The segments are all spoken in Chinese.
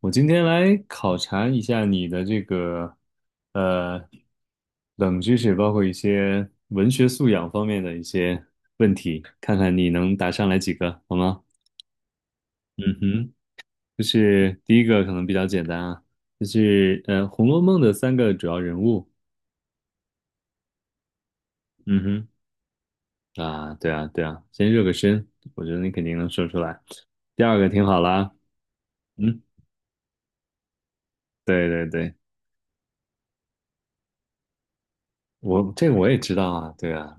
我今天来考察一下你的这个呃冷知识，包括一些文学素养方面的一些，看看你能答上来几个，好吗？嗯哼，就是第一个可能比较简单啊，就是《红楼梦》的三个主要人物。嗯哼，啊，对啊，对啊，先热个身，我觉得你肯定能说出来。第二个听好了啊嗯，对对对，我这个我也知道啊，对啊，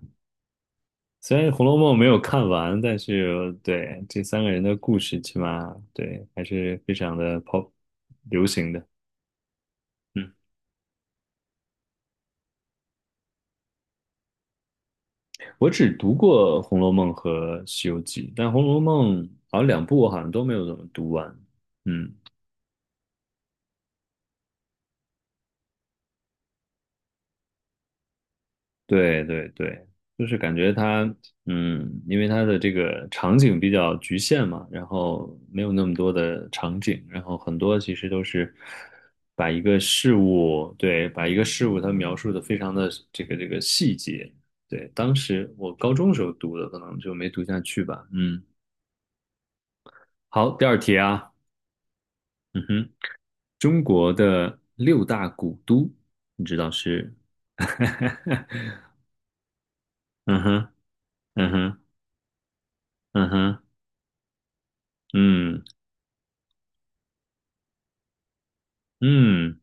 虽然《红楼梦》没有看完，但是对这三个人的故事，起码对还是非常的 pop 流行的。嗯，我只读过《红楼梦》和《西游记》，但《红楼梦》好像两部我好像都没有怎么读完。嗯对对对，就是感觉它，嗯，因为它的这个场景比较局限嘛，然后没有那么多的场景，然后很多其实都是把一个事物，对，把一个事物它描述的非常的这个细节。对，当时我高中时候读的，可能就没读下去吧。嗯，好，第二题啊，嗯哼，中国的六大古都，你知道是？嗯哼，嗯哼，嗯哼，嗯。嗯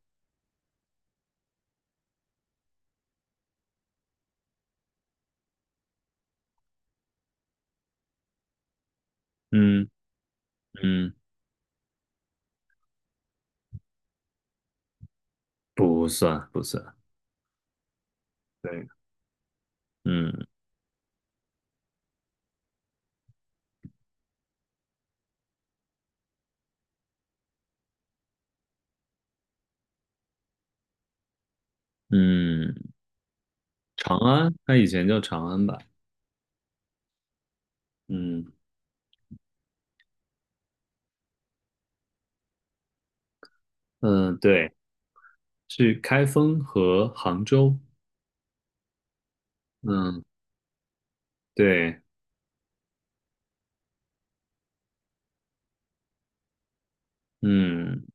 嗯嗯，不算不算，对，嗯嗯，长安，它以前叫长安吧？嗯嗯，对，是开封和杭州。嗯，对，嗯。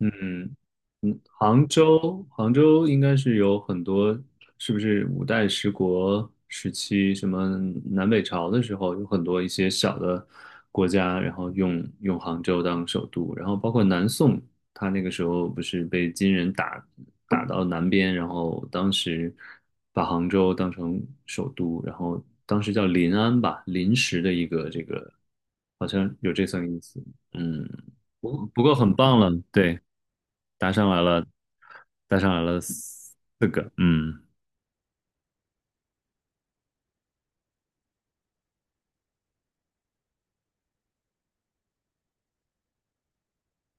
嗯嗯，杭州，杭州应该是有很多，是不是五代十国时期，什么南北朝的时候，有很多一些小的国家，然后用杭州当首都，然后包括南宋，他那个时候不是被金人打到南边，然后当时把杭州当成首都，然后当时叫临安吧，临时的一个这个，好像有这层意思，嗯。不过很棒了，对，答上来了，答上来了四个，嗯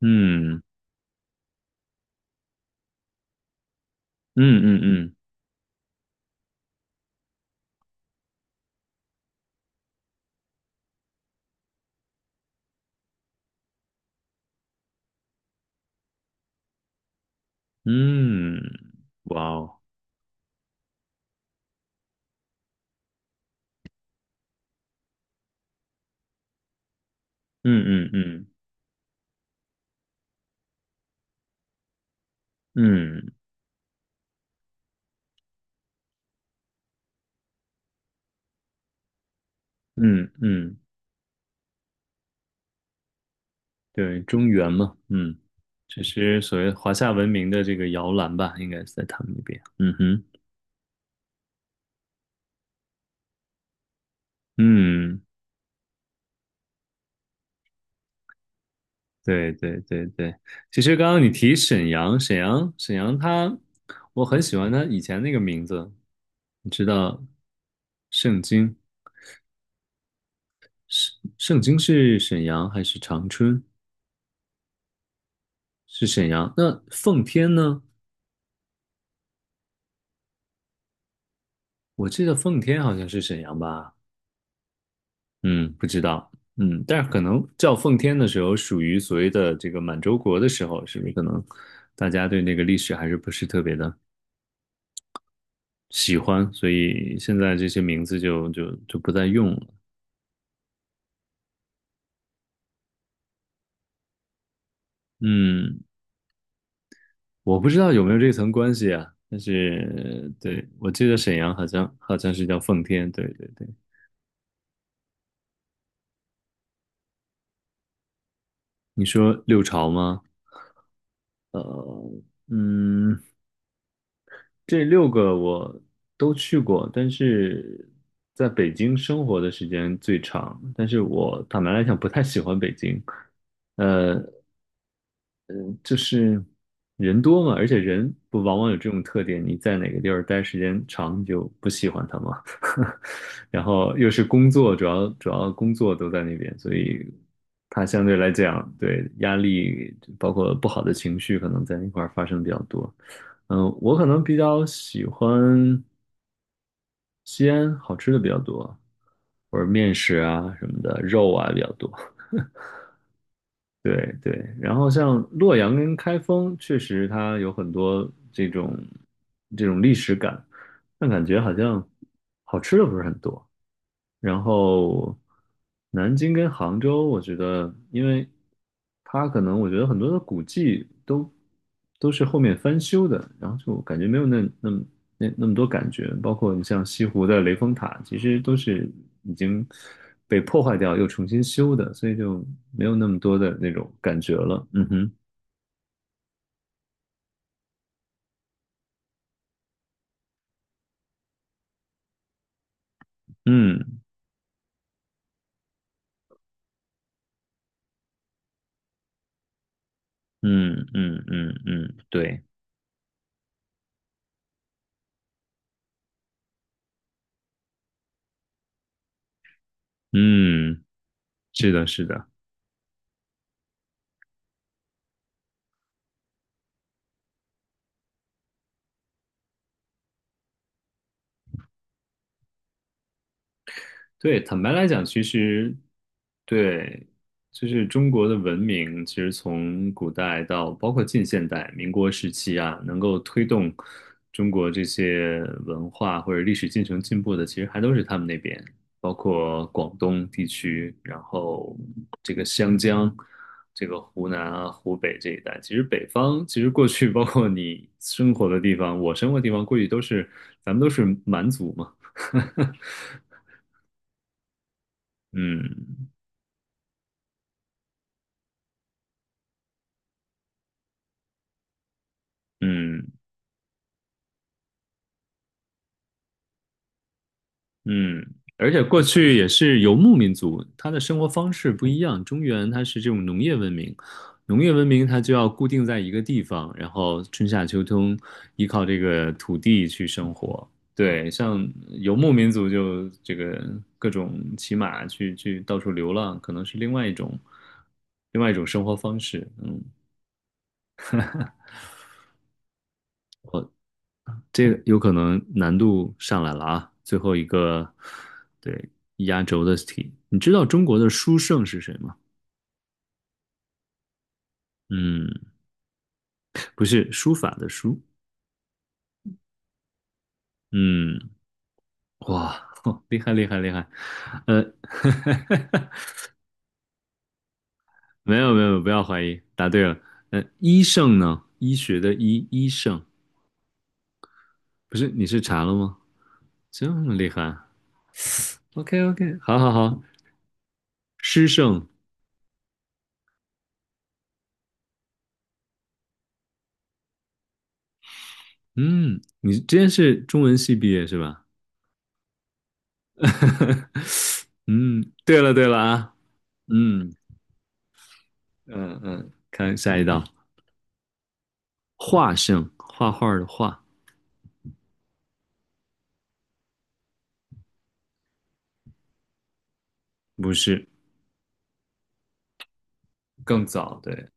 嗯嗯嗯嗯嗯，哇哦，嗯嗯嗯嗯嗯嗯，对，中原嘛，嗯，这是所谓华夏文明的这个摇篮吧，应该是在他们那边，嗯哼，嗯，对对对对，其实刚刚你提沈阳，沈阳它，我很喜欢它以前那个名字，你知道，圣经。盛京是沈阳还是长春？是沈阳。那奉天呢？我记得奉天好像是沈阳吧？嗯，不知道。嗯，但是可能叫奉天的时候，属于所谓的这个满洲国的时候，是不是可能大家对那个历史还是不是特别的喜欢，所以现在这些名字就不再用了。嗯，我不知道有没有这层关系啊，但是对，我记得沈阳好像是叫奉天，对对对。你说六朝吗？呃，嗯，这六个我都去过，但是在北京生活的时间最长。但是我坦白来讲，不太喜欢北京。呃，就是人多嘛，而且人不往往有这种特点，你在哪个地儿待时间长，你就不喜欢他嘛。然后又是工作，主要工作都在那边，所以他相对来讲，对压力包括不好的情绪，可能在那块儿发生比较多。嗯，我可能比较喜欢西安，好吃的比较多，或者面食啊什么的，肉啊比较多。对对，然后像洛阳跟开封，确实它有很多这种历史感，但感觉好像好吃的不是很多。然后南京跟杭州，我觉得，因为它可能我觉得很多的古迹都是后面翻修的，然后就感觉没有那么多感觉。包括你像西湖的雷峰塔，其实都是已经被破坏掉又重新修的，所以就没有那么多的那种感觉了。嗯哼，嗯嗯嗯嗯嗯，对，嗯，是的，是的。对，坦白来讲，其实对，就是中国的文明，其实从古代到包括近现代、民国时期啊，能够推动中国这些文化或者历史进程进步的，其实还都是他们那边，包括广东地区，然后这个湘江、这个湖南啊、湖北这一带。其实北方，其实过去 包括你生活的地方，我生活的地方，过去都是咱们都是蛮族嘛，嗯。嗯嗯，而且过去也是游牧民族，他的生活方式不一样。中原它是这种农业文明，农业文明它就要固定在一个地方，然后春夏秋冬依靠这个土地去生活。对，像游牧民族就这个各种骑马去到处流浪，可能是另外一种生活方式。嗯这个有可能难度上来了啊！最后一个，对，压轴的题，你知道中国的书圣是谁吗？嗯，不是书法的书，嗯，哇，哦厉害厉害厉害，呃，没有没有，不要怀疑，答对了。医圣呢？医学的医，医圣不是？你是查了吗？这么厉害？OK OK，好好好，诗圣，嗯，你之前是中文系毕业是吧？嗯，对了对了啊，嗯嗯嗯，看下一道，画圣，画画的画，不是，更早，对，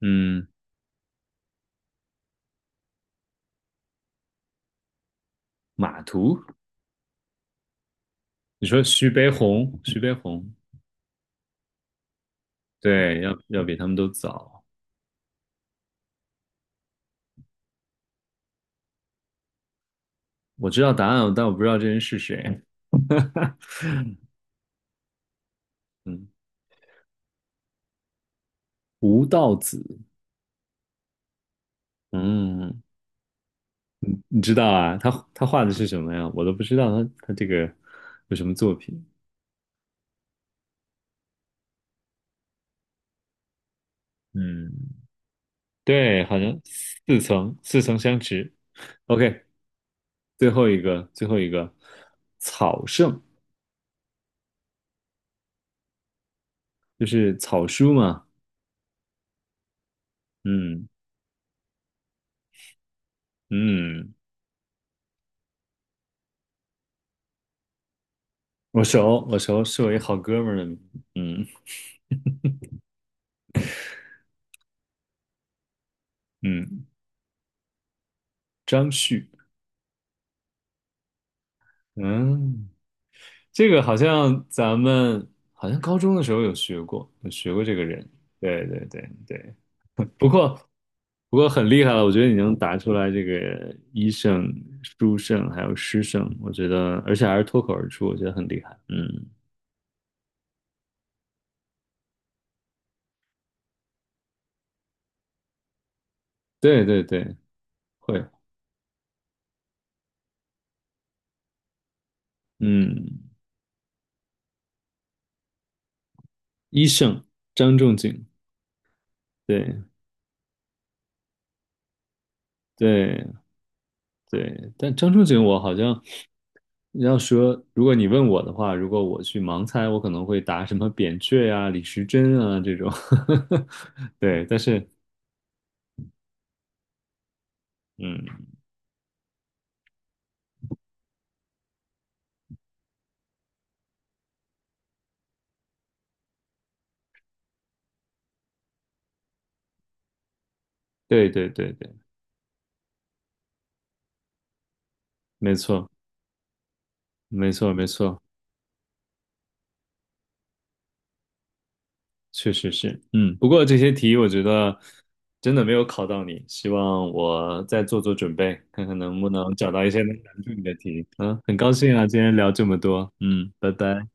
嗯，马图，你说徐悲鸿，徐悲鸿，对，要比他们都早，我知道答案，但我不知道这人是谁，嗯，吴道子，嗯，你知道啊，他他画的是什么呀？我都不知道他这个有什么作品，嗯，对，好像似曾相识。OK，最后一个，最后一个，草圣就是草书嘛。嗯嗯，我熟，我熟，是我一好哥们儿的名字。嗯嗯，张旭。嗯，这个好像咱们好像高中的时候有学过，有学过这个人。对对对对，不过。不过很厉害了，我觉得你能答出来这个医圣、书圣还有诗圣，我觉得，而且还是脱口而出，我觉得很厉害。嗯，对对对，会，嗯，医圣张仲景，对对对，但张仲景我好像你要说，如果你问我的话，如果我去盲猜，我可能会答什么扁鹊呀、李时珍啊这种，对，但是嗯，对对对对，没错没错没错，确实是，嗯，不过这些题我觉得真的没有考到你，希望我再做做准备，看看能不能找到一些能难住你的题。嗯，很高兴啊，今天聊这么多，嗯，拜拜。